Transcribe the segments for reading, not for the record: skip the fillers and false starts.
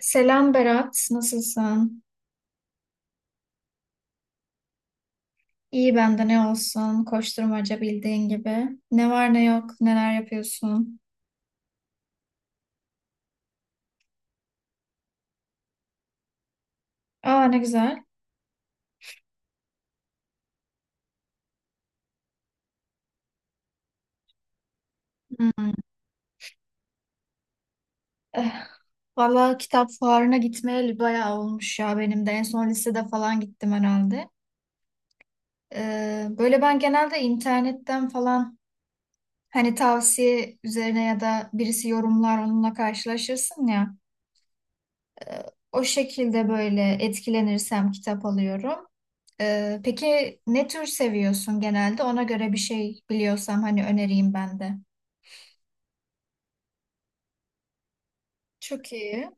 Selam Berat, nasılsın? İyi ben de ne olsun, koşturmaca bildiğin gibi. Ne var ne yok, neler yapıyorsun? Aa ne güzel. Hmm. Eh, valla kitap fuarına gitmeyeli bayağı olmuş ya benim de. En son lisede falan gittim herhalde. Böyle ben genelde internetten falan hani tavsiye üzerine ya da birisi yorumlar onunla karşılaşırsın ya. O şekilde böyle etkilenirsem kitap alıyorum. Peki ne tür seviyorsun genelde? Ona göre bir şey biliyorsam hani önereyim ben de. Çok iyi.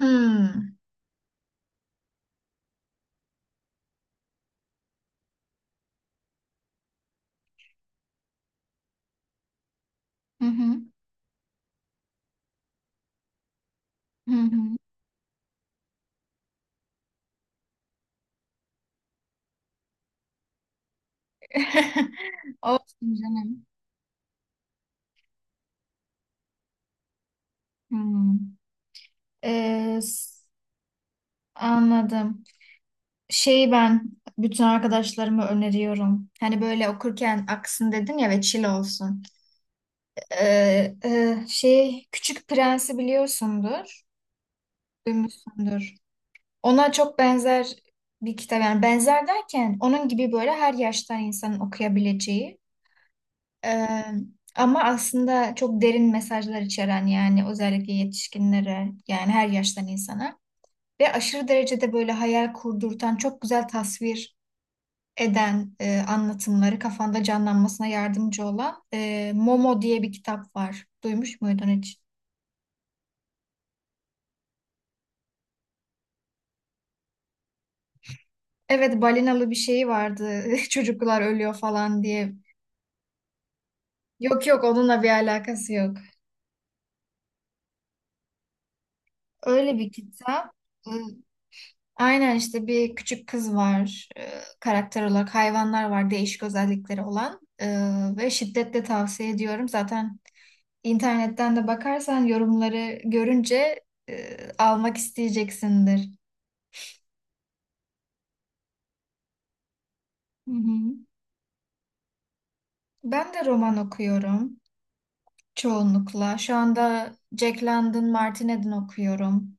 Hmm. Hı hı. Hı hı. Olsun canım. Hmm. Ee, s- anladım. Şeyi ben bütün arkadaşlarıma öneriyorum. Hani böyle okurken aksın dedin ya ve chill olsun. Şey Küçük Prens'i biliyorsundur. Duymuşsundur. Ona çok benzer bir kitap yani benzer derken onun gibi böyle her yaştan insanın okuyabileceği eee, ama aslında çok derin mesajlar içeren yani özellikle yetişkinlere yani her yaştan insana ve aşırı derecede böyle hayal kurdurtan çok güzel tasvir eden anlatımları kafanda canlanmasına yardımcı olan Momo diye bir kitap var. Duymuş muydun hiç? Evet balinalı bir şeyi vardı çocuklar ölüyor falan diye. Yok yok onunla bir alakası yok. Öyle bir kitap. Ee, Aynen işte bir küçük kız var. Karakter olarak hayvanlar var değişik özellikleri olan. Ve şiddetle tavsiye ediyorum. Zaten internetten de bakarsan yorumları görünce almak isteyeceksindir. Hı hı. Ben de roman okuyorum çoğunlukla. Şu anda Jack London Martinet'in okuyorum.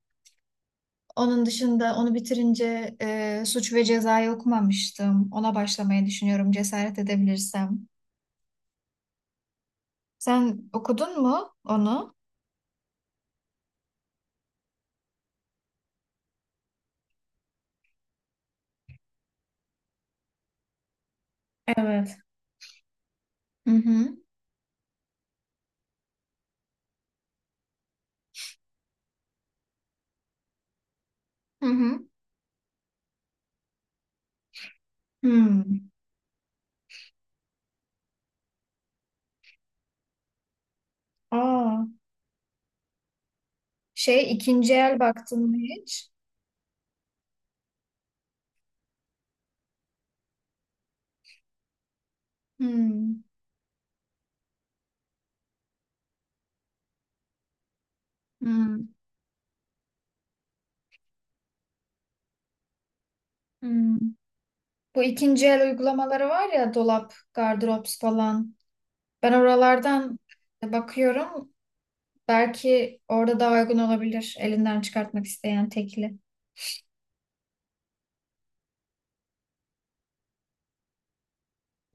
Onun dışında onu bitirince Suç ve Ceza'yı okumamıştım. Ona başlamayı düşünüyorum cesaret edebilirsem. Sen okudun mu onu? Evet. Hı hı. Hı hı. Hmm. Aa, şey ikinci el baktın mı hiç? Hmm. Hmm. Hmm. Bu ikinci el uygulamaları var ya dolap, gardırop falan. Ben oralardan bakıyorum. Belki orada daha uygun olabilir elinden çıkartmak isteyen tekli.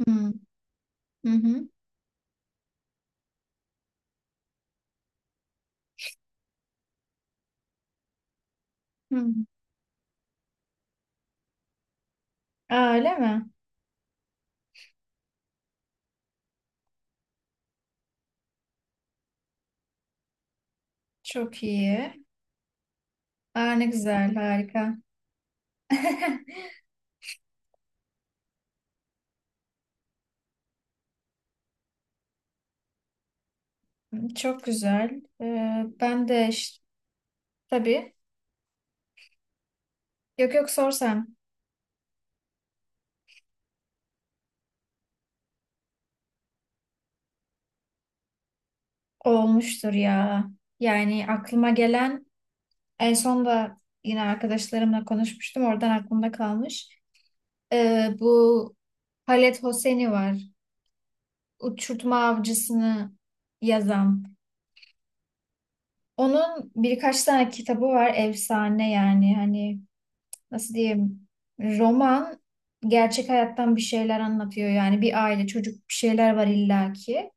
Hmm. Hı hı. Hmm. Aa, öyle mi? Çok iyi. Aa, ne güzel, harika. Çok güzel. Ee, ben de ş- tabii yok yok sorsam olmuştur ya. Yani aklıma gelen en son da yine arkadaşlarımla konuşmuştum. Oradan aklımda kalmış. Bu Halet Hosseini var. Uçurtma Avcısını yazan. Onun birkaç tane kitabı var. Efsane yani hani nasıl diyeyim roman gerçek hayattan bir şeyler anlatıyor. Yani bir aile çocuk bir şeyler var illaki.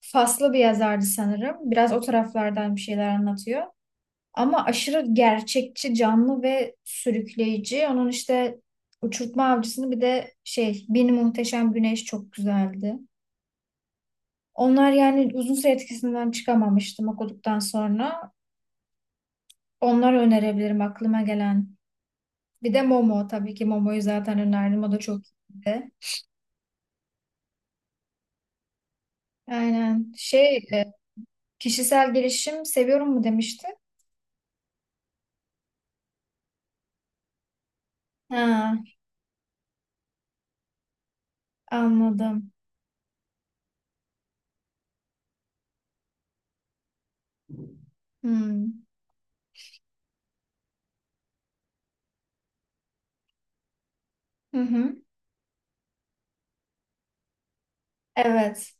Faslı bir yazardı sanırım. Biraz o taraflardan bir şeyler anlatıyor. Ama aşırı gerçekçi, canlı ve sürükleyici. Onun işte Uçurtma Avcısı'nı bir de şey, Bir Muhteşem Güneş çok güzeldi. Onlar yani uzun süre etkisinden çıkamamıştım okuduktan sonra. Onları önerebilirim aklıma gelen. Bir de Momo tabii ki Momo'yu zaten önerdim. O da çok iyiydi. Aynen. Kişisel gelişim seviyorum mu demişti? Ha, anladım. Hmm. Hı hı. Evet,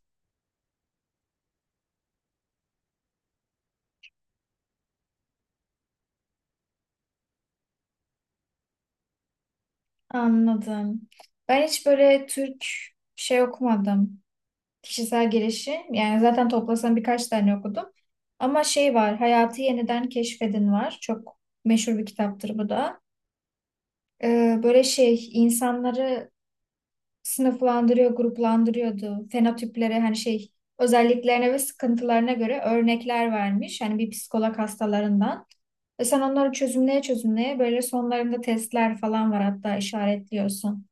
anladım. Ben hiç böyle Türk şey okumadım. Kişisel gelişim. Yani zaten toplasam birkaç tane okudum. Ama şey var, Hayatı Yeniden Keşfedin var. Çok meşhur bir kitaptır bu da. Böyle şey, insanları sınıflandırıyor, gruplandırıyordu. Fenotipleri hani şey, özelliklerine ve sıkıntılarına göre örnekler vermiş. Hani bir psikolog hastalarından. Ve sen onları çözümleye çözümleye böyle sonlarında testler falan var hatta işaretliyorsun.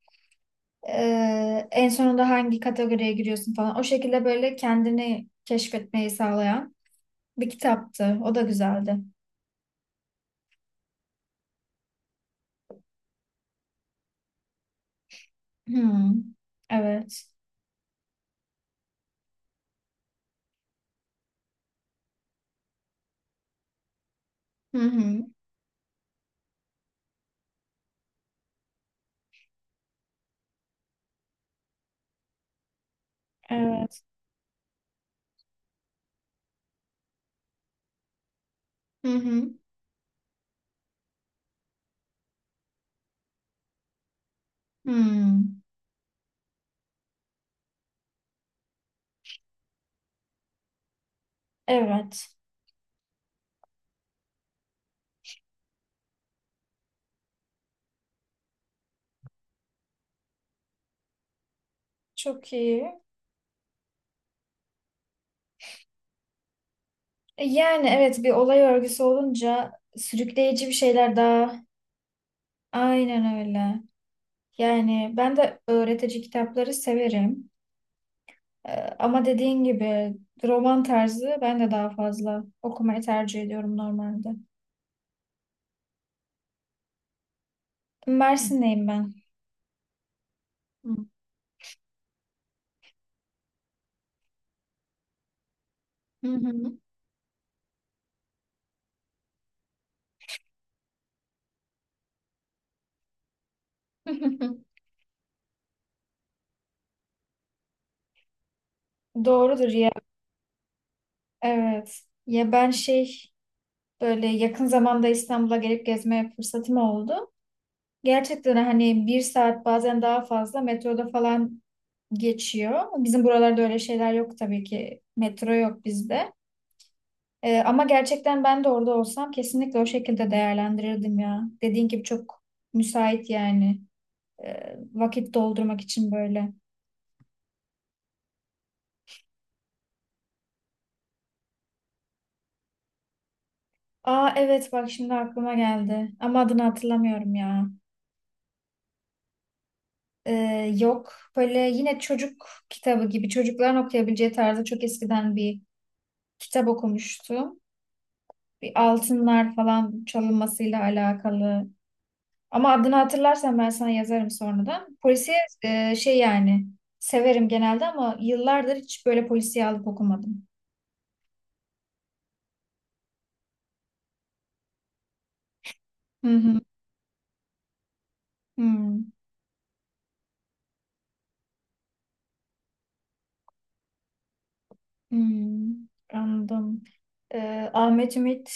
En sonunda hangi kategoriye giriyorsun falan. O şekilde böyle kendini keşfetmeyi sağlayan bir kitaptı. O da güzeldi. Hmm. Evet. Hı hı. Evet. Hı hı. Hmm. Evet. Çok iyi. Yani evet bir olay örgüsü olunca sürükleyici bir şeyler daha. Aynen öyle. Yani ben de öğretici kitapları severim. Ee, ama dediğin gibi roman tarzı ben de daha fazla okumayı tercih ediyorum normalde. Mersin'deyim ben. Hı hı. Doğrudur ya. Evet. Ya ben şey böyle yakın zamanda İstanbul'a gelip gezme fırsatım oldu. Gerçekten hani bir saat bazen daha fazla metroda falan geçiyor. Bizim buralarda öyle şeyler yok tabii ki. Metro yok bizde. Ama gerçekten ben de orada olsam kesinlikle o şekilde değerlendirirdim ya. Dediğin gibi çok müsait yani. Vakit doldurmak için böyle. Aa evet bak şimdi aklıma geldi. Ama adını hatırlamıyorum ya. Yok. Böyle yine çocuk kitabı gibi çocukların okuyabileceği tarzda çok eskiden bir kitap okumuştum. Bir altınlar falan çalınmasıyla alakalı. Ama adını hatırlarsam ben sana yazarım sonradan. Polisiye şey yani severim genelde ama yıllardır hiç böyle polisiye alıp okumadım. Hı hı. Hı. Hmm, anladım. Ahmet Ümit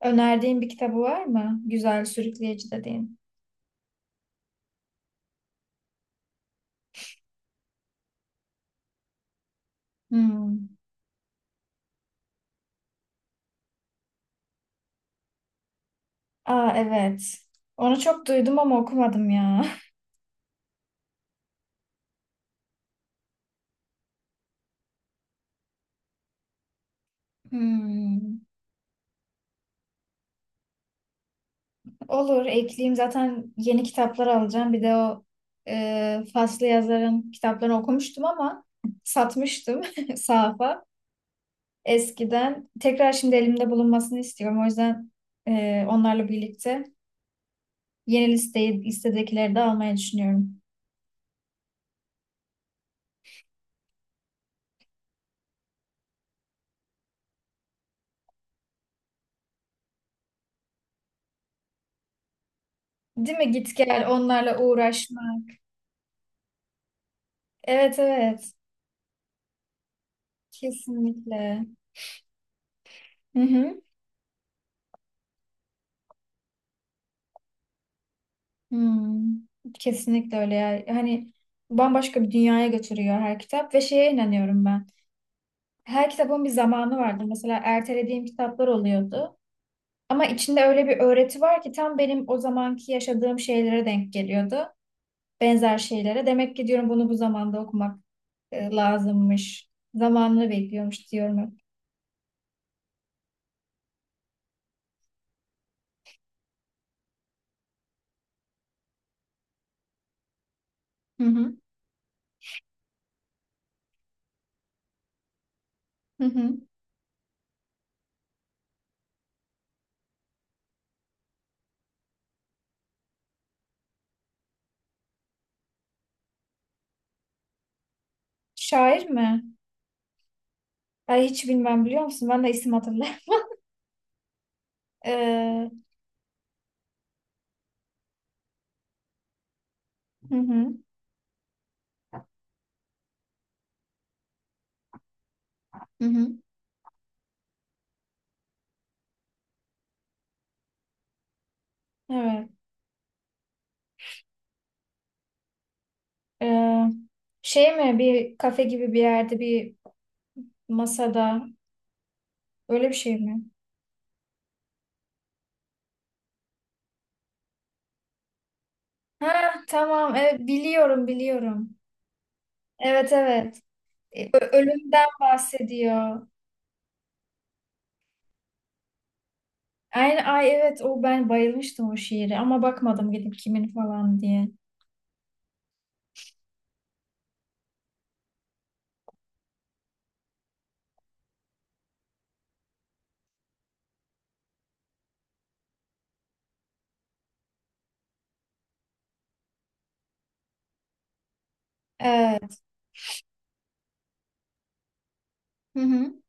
önerdiğin bir kitabı var mı? Güzel, sürükleyici dediğin. Hmm. Aa evet. Onu çok duydum ama okumadım ya. Hmm. Olur, ekleyeyim. Zaten yeni kitaplar alacağım. Bir de o Faslı yazarın kitaplarını okumuştum ama satmıştım sahafa eskiden. Tekrar şimdi elimde bulunmasını istiyorum. O yüzden onlarla birlikte yeni listeyi listedekileri de almayı düşünüyorum. Değil mi? Git gel onlarla uğraşma. Evet evet. Kesinlikle. Hı hı. Hmm. Kesinlikle öyle ya. Hani bambaşka bir dünyaya götürüyor her kitap ve şeye inanıyorum ben. Her kitabın bir zamanı vardı. Mesela ertelediğim kitaplar oluyordu. Ama içinde öyle bir öğreti var ki tam benim o zamanki yaşadığım şeylere denk geliyordu. Benzer şeylere. Demek ki diyorum bunu bu zamanda okumak lazımmış. Zamanını bekliyormuş diyorum hep. Hı hı. Hı hı. Şair mi? Ay hiç bilmem biliyor musun? Ben de isim hatırlayayım. Ee, hı hı, hı hı. Evet. Ee, şey mi? Bir kafe gibi bir yerde bir masada. Öyle bir şey mi? Ha tamam. Evet, biliyorum biliyorum. Evet evet. Ölümden bahsediyor. Aynen, ay evet o ben bayılmıştım o şiire ama bakmadım gidip kimin falan diye. Evet. Hı hı.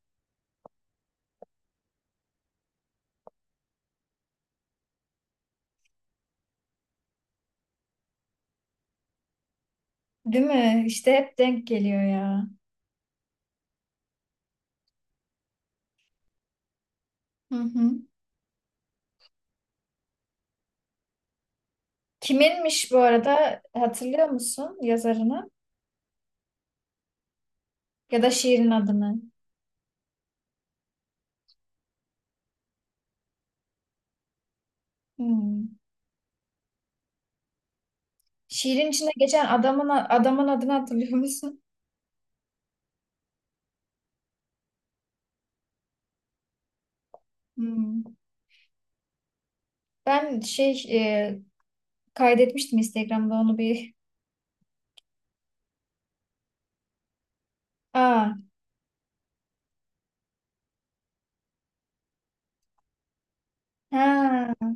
Değil mi? İşte hep denk geliyor ya. Hı hı. Kiminmiş bu arada hatırlıyor musun yazarını? Ya da şiirin adını. Hmm. Şiirin içinde geçen adamın adını hatırlıyor musun? Hmm. Ben şey e, kaydetmiştim Instagram'da onu bir. Aa, ha.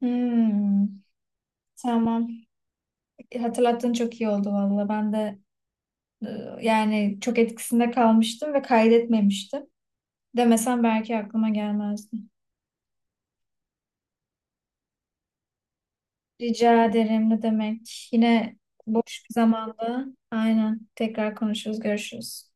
Hmm. Tamam. Hatırlattığın çok iyi oldu valla. Ben de e, yani çok etkisinde kalmıştım ve kaydetmemiştim. Demesen belki aklıma gelmezdi. Rica ederim ne demek. Yine boş bir zamanda. Aynen. Tekrar konuşuruz, görüşürüz.